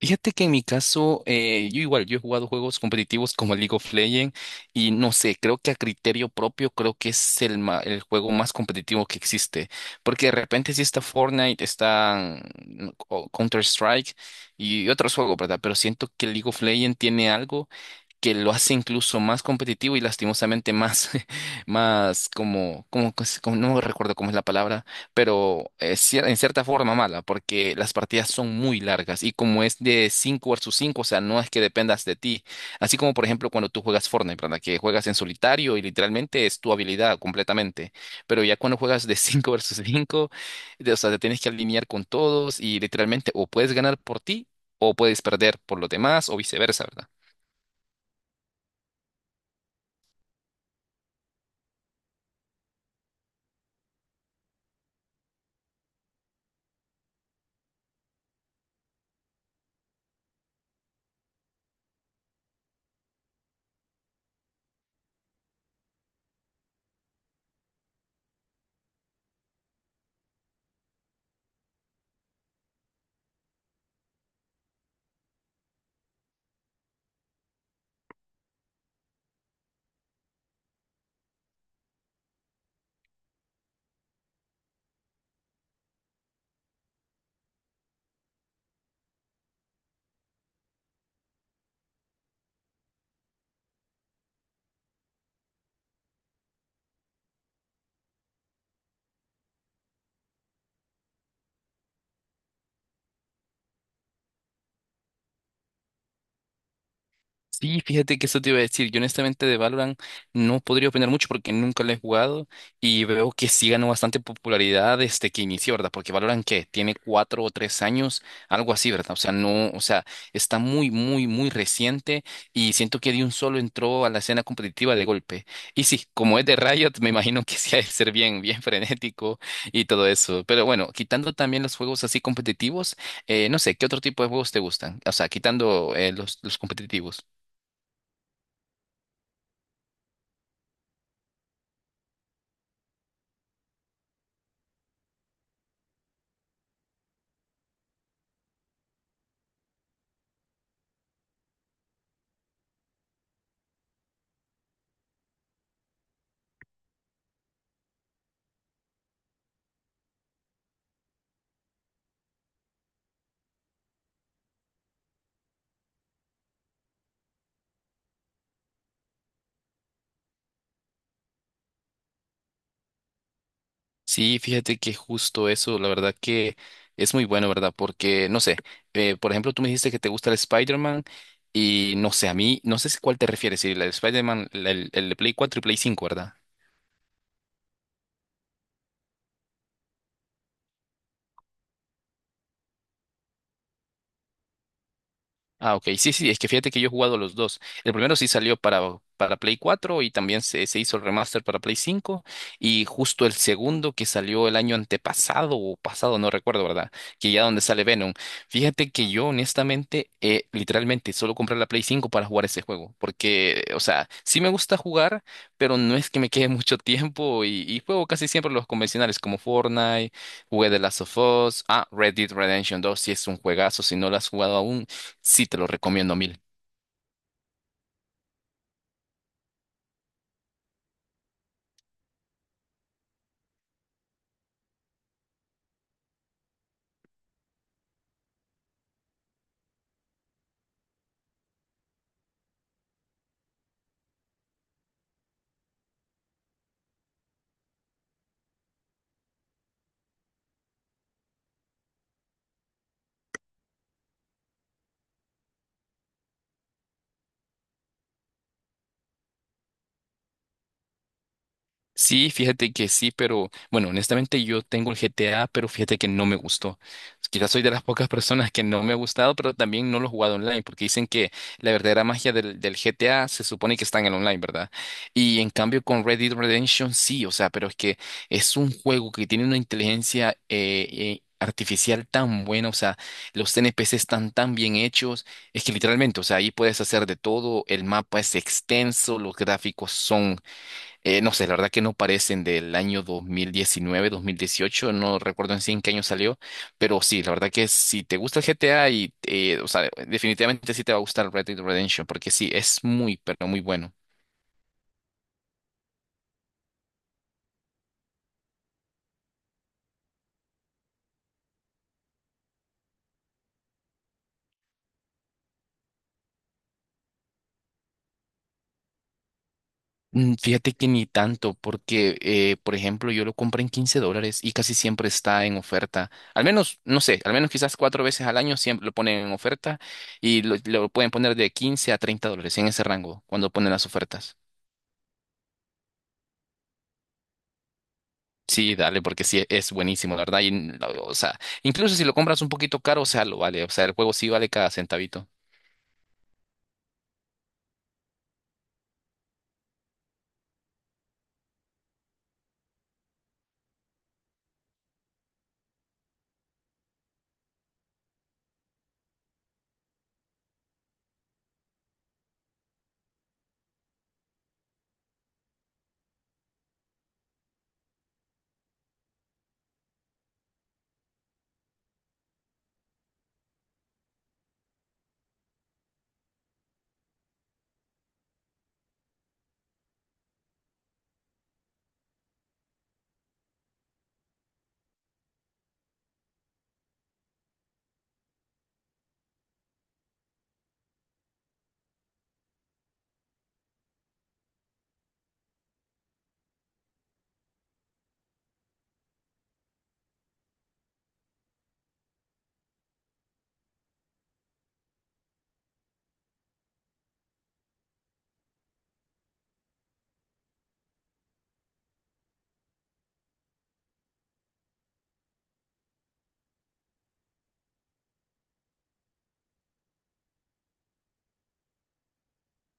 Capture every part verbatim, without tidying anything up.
Fíjate que en mi caso, eh, yo igual, yo he jugado juegos competitivos como League of Legends y no sé, creo que a criterio propio creo que es el, ma- el juego más competitivo que existe, porque de repente sí está Fortnite, está Counter-Strike y otros juegos, ¿verdad? Pero siento que League of Legends tiene algo que lo hace incluso más competitivo y lastimosamente más, más como, como, como- no recuerdo cómo es la palabra, pero eh, cier- en cierta forma mala, porque las partidas son muy largas y como es de cinco versus cinco, o sea, no es que dependas de ti. Así como, por ejemplo, cuando tú juegas Fortnite, ¿verdad? Que juegas en solitario y literalmente es tu habilidad completamente, pero ya cuando juegas de cinco versus cinco, de- o sea, te tienes que alinear con todos y literalmente o puedes ganar por ti o puedes perder por los demás o viceversa. Sí, fíjate que eso te iba a decir. Yo honestamente de Valorant no podría opinar mucho porque nunca lo he jugado y veo que sí ganó bastante popularidad desde que inició, ¿verdad? Porque Valorant que tiene cuatro o tres años, algo así, ¿verdad? O sea, no, o sea, está muy, muy, muy reciente y siento que de un solo entró a la escena competitiva de golpe. Y sí, como es de Riot, me imagino que sí ha de ser bien, bien frenético y todo eso. Pero bueno, quitando también los juegos así competitivos, eh, no sé, ¿qué otro tipo de juegos te gustan? O sea, quitando eh, los, los competitivos. Sí, fíjate que justo eso, la verdad que es muy bueno, ¿verdad? Porque, no sé, eh, por ejemplo, tú me dijiste que te gusta el Spider-Man y no sé, a mí, no sé si cuál te refieres, si el Spider-Man, el, el de Play cuatro y Play cinco, ¿verdad? Ah, ok. Sí, sí, es que fíjate que yo he jugado los dos. El primero sí salió para, para Play cuatro, y también se, se hizo el remaster para Play cinco. Y justo el segundo que salió el año antepasado o pasado, no recuerdo, ¿verdad? Que ya donde sale Venom. Fíjate que yo honestamente, eh, literalmente, solo compré la Play cinco para jugar ese juego. Porque, o sea, sí me gusta jugar, pero no es que me quede mucho tiempo, y, y juego casi siempre los convencionales como Fortnite, jugué The Last of Us. Ah, Red Dead Redemption dos sí es un juegazo, si no lo has jugado aún. Sí, te lo recomiendo a mil. Sí, fíjate que sí, pero bueno, honestamente yo tengo el G T A, pero fíjate que no me gustó. Quizás soy de las pocas personas que no me ha gustado, pero también no lo he jugado online, porque dicen que la verdadera magia del, del G T A se supone que está en el online, ¿verdad? Y en cambio con Red Dead Redemption sí, o sea, pero es que es un juego que tiene una inteligencia eh, eh, artificial tan buena, o sea, los N P C están tan bien hechos. Es que literalmente, o sea, ahí puedes hacer de todo, el mapa es extenso, los gráficos son. Eh, no sé, la verdad que no parecen del año dos mil diecinueve, dos mil dieciocho, no recuerdo en sí en qué año salió, pero sí, la verdad que si te gusta el G T A y, eh, o sea, definitivamente sí te va a gustar Red Dead Redemption, porque sí, es muy, pero muy bueno. Mm, Fíjate que ni tanto, porque, eh, por ejemplo, yo lo compré en quince dólares y casi siempre está en oferta. Al menos, no sé, al menos quizás cuatro veces al año siempre lo ponen en oferta, y lo, lo pueden poner de quince a treinta dólares en ese rango cuando ponen las ofertas. Sí, dale, porque sí es buenísimo, la verdad. Y, n- o sea, incluso si lo compras un poquito caro, o sea, lo vale. O sea, el juego sí vale cada centavito.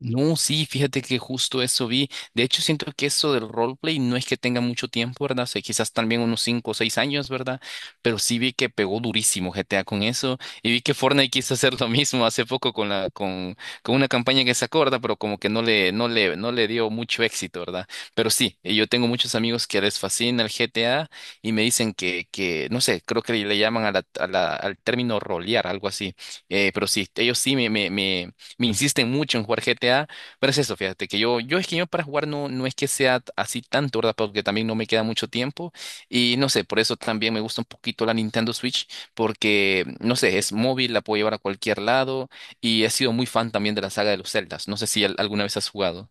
No, sí, fíjate que justo eso vi. De hecho, siento que eso del roleplay no es que tenga mucho tiempo, ¿verdad? O sea, quizás también unos cinco o seis años, ¿verdad? Pero sí vi que pegó durísimo G T A con eso. Y vi que Fortnite quiso hacer lo mismo hace poco con la, con, con una campaña que se acorda, pero como que no le, no le, no le dio mucho éxito, ¿verdad? Pero sí, eh, yo tengo muchos amigos que les fascina el G T A y me dicen que, que, no sé, creo que le llaman a la, a la- al término rolear, algo así. Eh, pero sí, ellos sí me, me, me me insisten mucho en jugar G T A, pero es eso, fíjate, que yo, yo es que yo para jugar no, no es que sea t- así tanto, ¿verdad? Porque también no me queda mucho tiempo y no sé, por eso también me gusta un poquito la Nintendo Switch, porque no sé, es móvil, la puedo llevar a cualquier lado y he sido muy fan también de la saga de los Zeldas, no sé si al- alguna vez has jugado.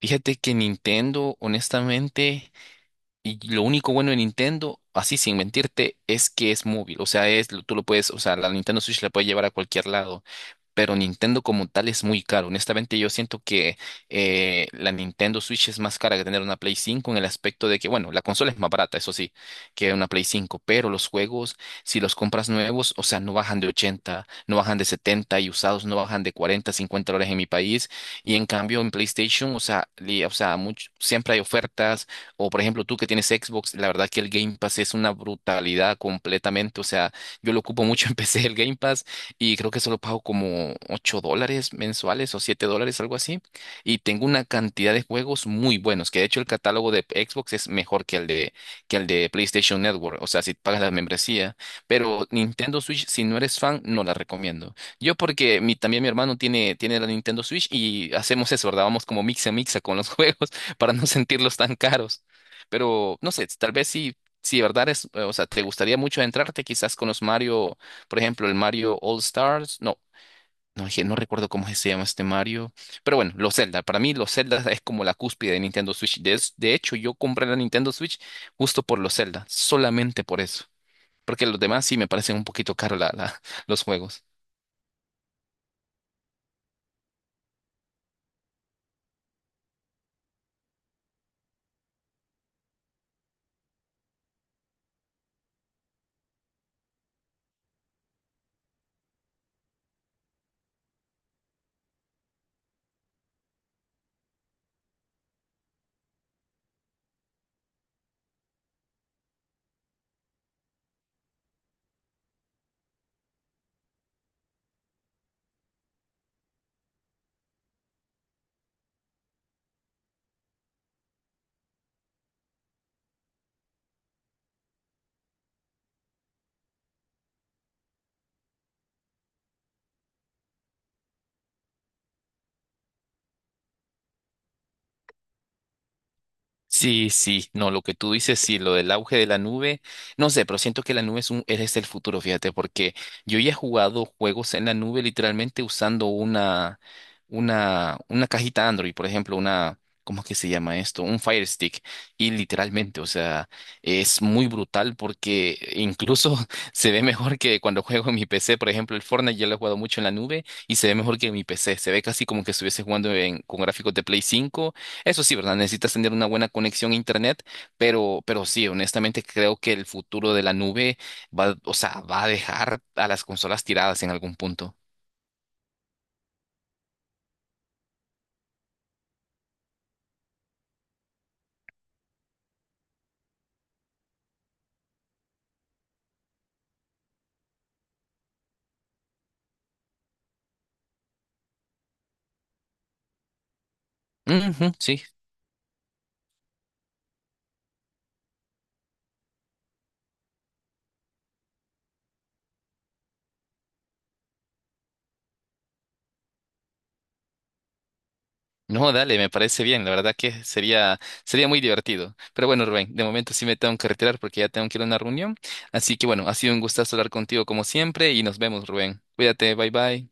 Fíjate que Nintendo, honestamente. Y lo único bueno de Nintendo, así sin mentirte, es que es móvil. O sea, es, tú lo puedes, o sea, la Nintendo Switch la puedes llevar a cualquier lado. Pero Nintendo como tal es muy caro. Honestamente, yo siento que eh, la Nintendo Switch es más cara que tener una Play cinco en el aspecto de que, bueno, la consola es más barata, eso sí, que una Play cinco. Pero los juegos, si los compras nuevos, o sea, no bajan de ochenta, no bajan de setenta y usados no bajan de cuarenta, cincuenta dólares en mi país. Y en cambio en PlayStation, o sea, li- o sea, mucho- siempre hay ofertas, o por ejemplo, tú que tienes Xbox, la verdad que el Game Pass es una brutalidad completamente. O sea, yo lo ocupo mucho en P C el Game Pass y creo que solo pago como ocho dólares mensuales o siete dólares, algo así. Y tengo una cantidad de juegos muy buenos, que de hecho el catálogo de Xbox es mejor que el de, que el de PlayStation Network. O sea, si pagas la membresía. Pero Nintendo Switch, si no eres fan, no la recomiendo. Yo porque mi, también mi hermano tiene, tiene la Nintendo Switch y hacemos eso, ¿verdad? Vamos como mixa mixa con los juegos para no sentirlos tan caros. Pero no sé, tal vez si, si de verdad es, eh, o sea, te gustaría mucho entrarte quizás con los Mario, por ejemplo, el Mario All Stars. No, no, je- no recuerdo cómo se llama este Mario. Pero bueno, los Zelda. Para mí los Zelda es como la cúspide de Nintendo Switch. De, es- de hecho, yo compré la Nintendo Switch justo por los Zelda, solamente por eso. Porque los demás sí me parecen un poquito caros la, la- los juegos. Sí, sí, no, lo que tú dices, sí, lo del auge de la nube, no sé, pero siento que la nube es un, es el futuro, fíjate, porque yo ya he jugado juegos en la nube literalmente usando una, una, una cajita Android, por ejemplo, una, ¿cómo es que se llama esto? Un Fire Stick, y literalmente, o sea, es muy brutal porque incluso se ve mejor que cuando juego en mi P C, por ejemplo, el Fortnite ya lo he jugado mucho en la nube y se ve mejor que en mi P C, se ve casi como que estuviese jugando en- con gráficos de Play cinco, eso sí, ¿verdad? Necesitas tener una buena conexión a internet, pero, pero sí, honestamente creo que el futuro de la nube va, o sea, va a dejar a las consolas tiradas en algún punto. Ujú, sí. No, dale, me parece bien. La verdad que sería, sería muy divertido. Pero bueno, Rubén, de momento sí me tengo que retirar porque ya tengo que ir a una reunión. Así que bueno, ha sido un gustazo hablar contigo como siempre y nos vemos, Rubén. Cuídate, bye bye.